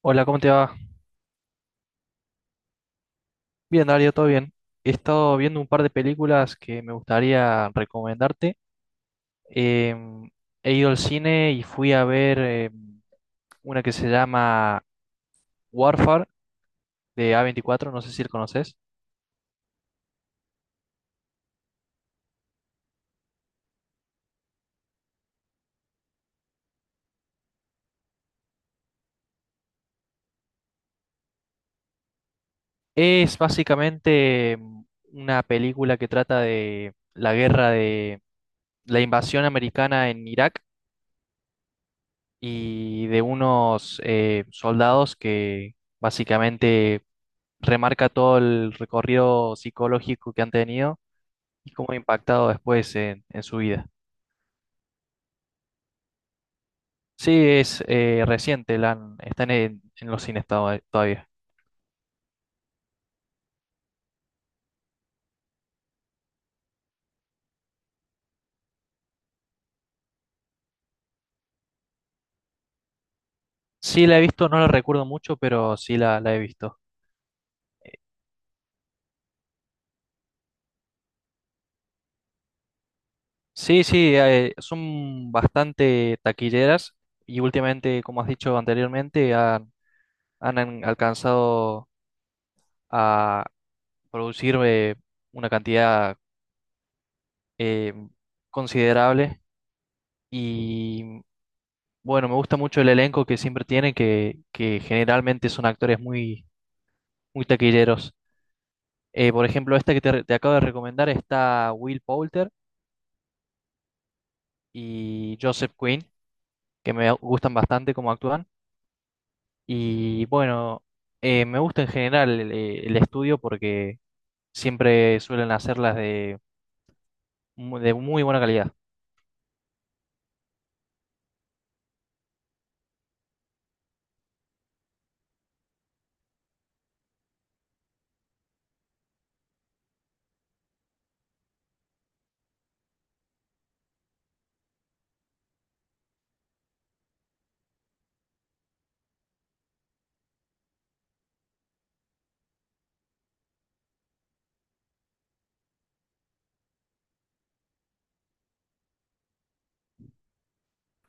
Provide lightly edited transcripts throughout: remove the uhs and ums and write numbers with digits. Hola, ¿cómo te va? Bien, Dario, todo bien. He estado viendo un par de películas que me gustaría recomendarte. Em, he ido al cine y fui a ver una que se llama Warfare de A24. No sé si la conoces. Es básicamente una película que trata de la guerra de la invasión americana en Irak y de unos soldados que básicamente remarca todo el recorrido psicológico que han tenido y cómo ha impactado después en su vida. Sí, es reciente, está en los cines todavía. Sí, la he visto, no la recuerdo mucho, pero sí la he visto. Sí, sí, son bastante taquilleras y últimamente, como has dicho anteriormente, han alcanzado a producir una cantidad eh, considerable. Y bueno, me gusta mucho el elenco que siempre tiene, que generalmente son actores muy, muy taquilleros. Por ejemplo, esta que te acabo de recomendar está Will Poulter y Joseph Quinn, que me gustan bastante cómo actúan. Y bueno, me gusta en general el estudio porque siempre suelen hacerlas de muy buena calidad.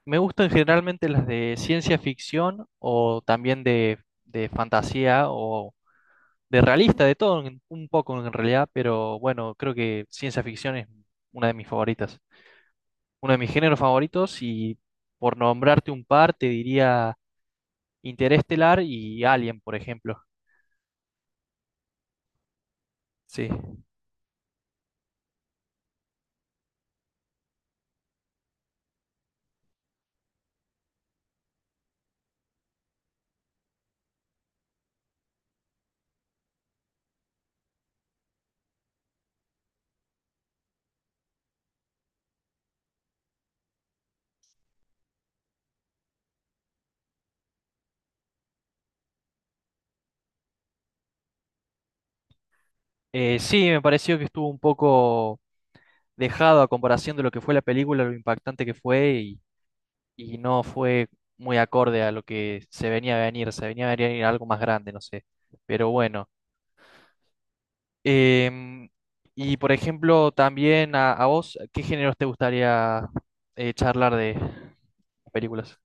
Me gustan generalmente las de ciencia ficción o también de fantasía o de realista, de todo un poco en realidad, pero bueno, creo que ciencia ficción es una de mis favoritas, uno de mis géneros favoritos y por nombrarte un par te diría Interestelar y Alien, por ejemplo. Sí. Sí, me pareció que estuvo un poco dejado a comparación de lo que fue la película, lo impactante que fue y no fue muy acorde a lo que se venía a venir, algo más grande, no sé. Pero bueno. Em, y por ejemplo, también a vos, ¿qué géneros te gustaría charlar de películas?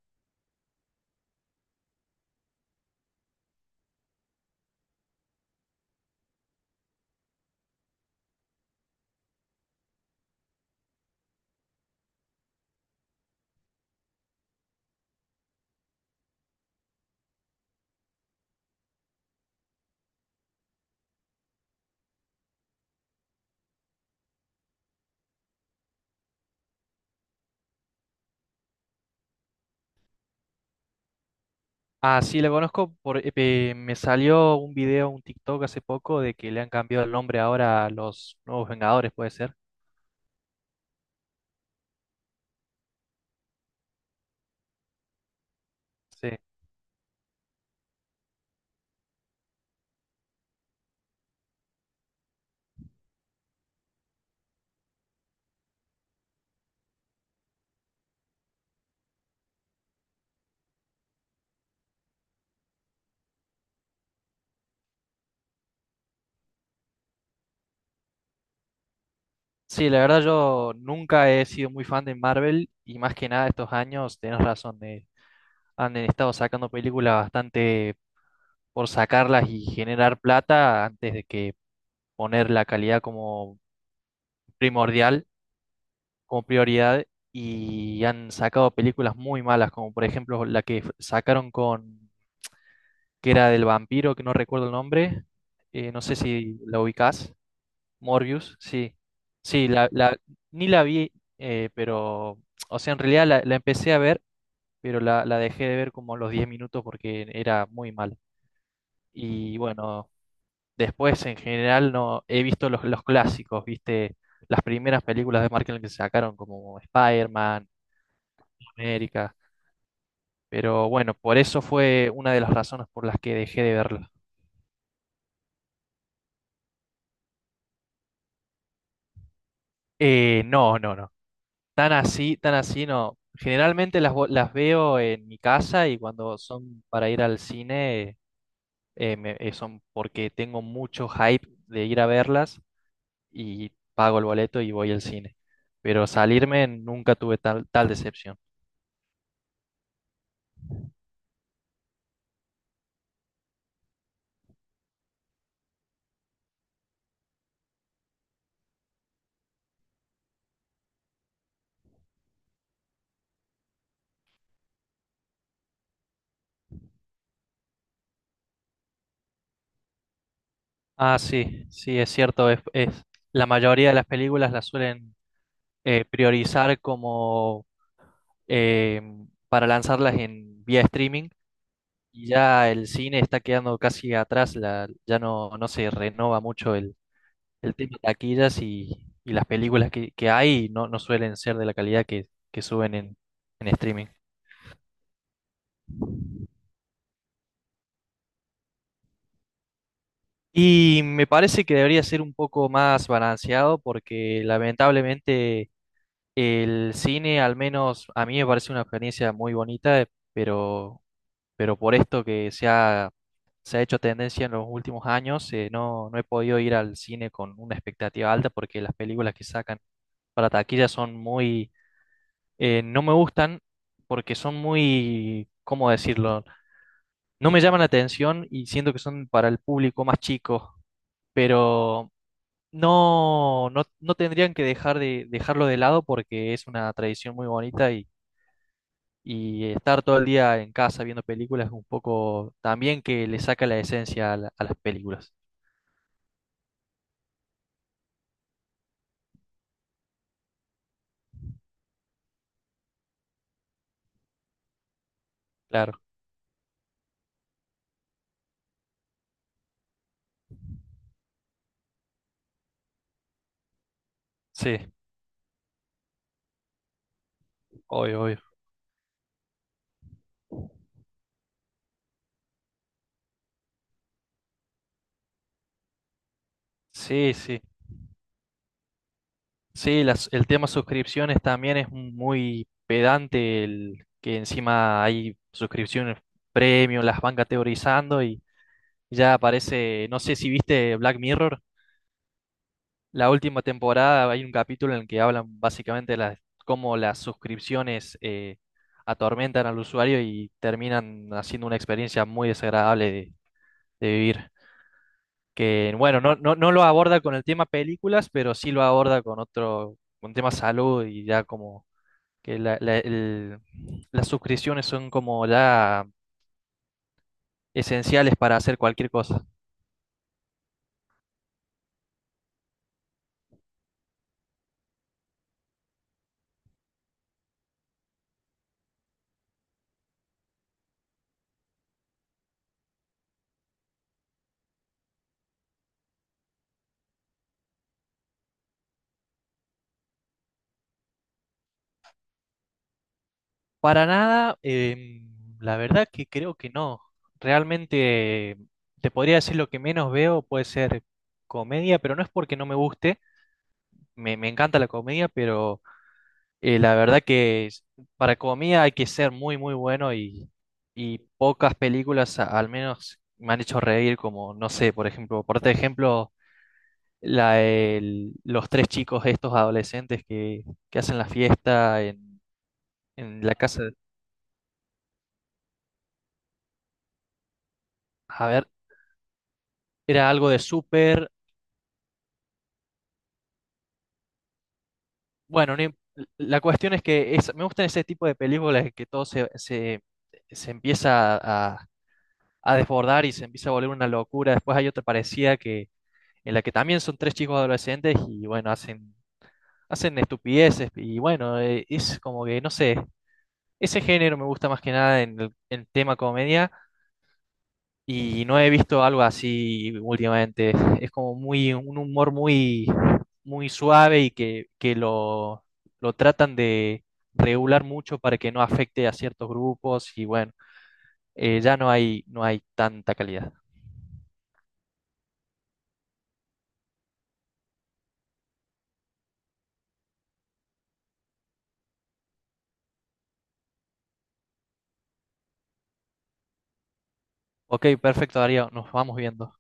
Ah, sí, la conozco. Me salió un video, un TikTok hace poco de que le han cambiado el nombre ahora a los Nuevos Vengadores, puede ser. Sí. Sí, la verdad yo nunca he sido muy fan de Marvel y más que nada estos años, tenés razón, han estado sacando películas bastante por sacarlas y generar plata antes de que poner la calidad como primordial, como prioridad, y han sacado películas muy malas, como por ejemplo la que sacaron con, que era del vampiro, que no recuerdo el nombre, no sé si la ubicás, Morbius, sí, sí, ni la vi, pero, o sea, en realidad la empecé a ver, pero la dejé de ver como a los 10 minutos porque era muy mal. Y bueno. Después, en general, no he visto los clásicos, ¿viste? Las primeras películas de Marvel que sacaron, como Spider-Man, América. Pero bueno, por eso fue una de las razones por las que dejé de verla. No, no, no. Tan así no. Generalmente las veo en mi casa y cuando son para ir al cine, son porque tengo mucho hype de ir a verlas y pago el boleto y voy al cine. Pero salirme nunca tuve tal decepción. Ah, sí, sí, es cierto. La mayoría de las películas las suelen priorizar como eh, para lanzarlas en vía streaming y ya el cine está quedando casi atrás, ya no se renova mucho el tema de taquillas y las películas que hay no suelen ser de la calidad que suben en streaming. Y me parece que debería ser un poco más balanceado porque lamentablemente el cine, al menos a mí me parece una experiencia muy bonita, pero, pero por esto que se ha hecho tendencia en los últimos años, no he podido ir al cine con una expectativa alta porque las películas que sacan para taquilla no me gustan porque son muy, ¿cómo decirlo? No me llaman la atención y siento que son para el público más chico, pero no tendrían que dejarlo de lado porque es una tradición muy bonita y estar todo el día en casa viendo películas es un poco también que le saca la esencia a las películas. Claro, sí, obvio, obvio. Sí, sí. Sí, el tema suscripciones también es muy pedante, que encima hay suscripciones premium, las van categorizando y ya aparece, no sé si viste Black Mirror. La última temporada hay un capítulo en el que hablan básicamente cómo las suscripciones atormentan al usuario y terminan haciendo una experiencia muy desagradable de vivir. Que bueno, no lo aborda con el tema películas, pero sí lo aborda con otro, con tema salud y ya como que las suscripciones son como ya esenciales para hacer cualquier cosa. Para nada, la verdad que creo que no. Realmente te podría decir lo que menos veo puede ser comedia, pero no es porque no me guste, me encanta la comedia, pero la verdad que para comedia hay que ser muy, muy bueno y pocas películas al menos me han hecho reír, como, no sé, por ejemplo, por este ejemplo, los tres chicos estos adolescentes que hacen la fiesta en la casa, a ver, era algo de súper. Bueno, no im- la cuestión es que me gustan ese tipo de películas que todo se empieza a desbordar y se empieza a volver una locura. Después hay otra parecida en la que también son tres chicos adolescentes y bueno, hacen estupideces. Y bueno, es como que, no sé, ese género me gusta más que nada en tema comedia. Y no he visto algo así últimamente. Es como un humor muy, muy suave y que lo tratan de regular mucho para que no afecte a ciertos grupos y bueno, ya no hay tanta calidad. Ok, perfecto, Darío, nos vamos viendo.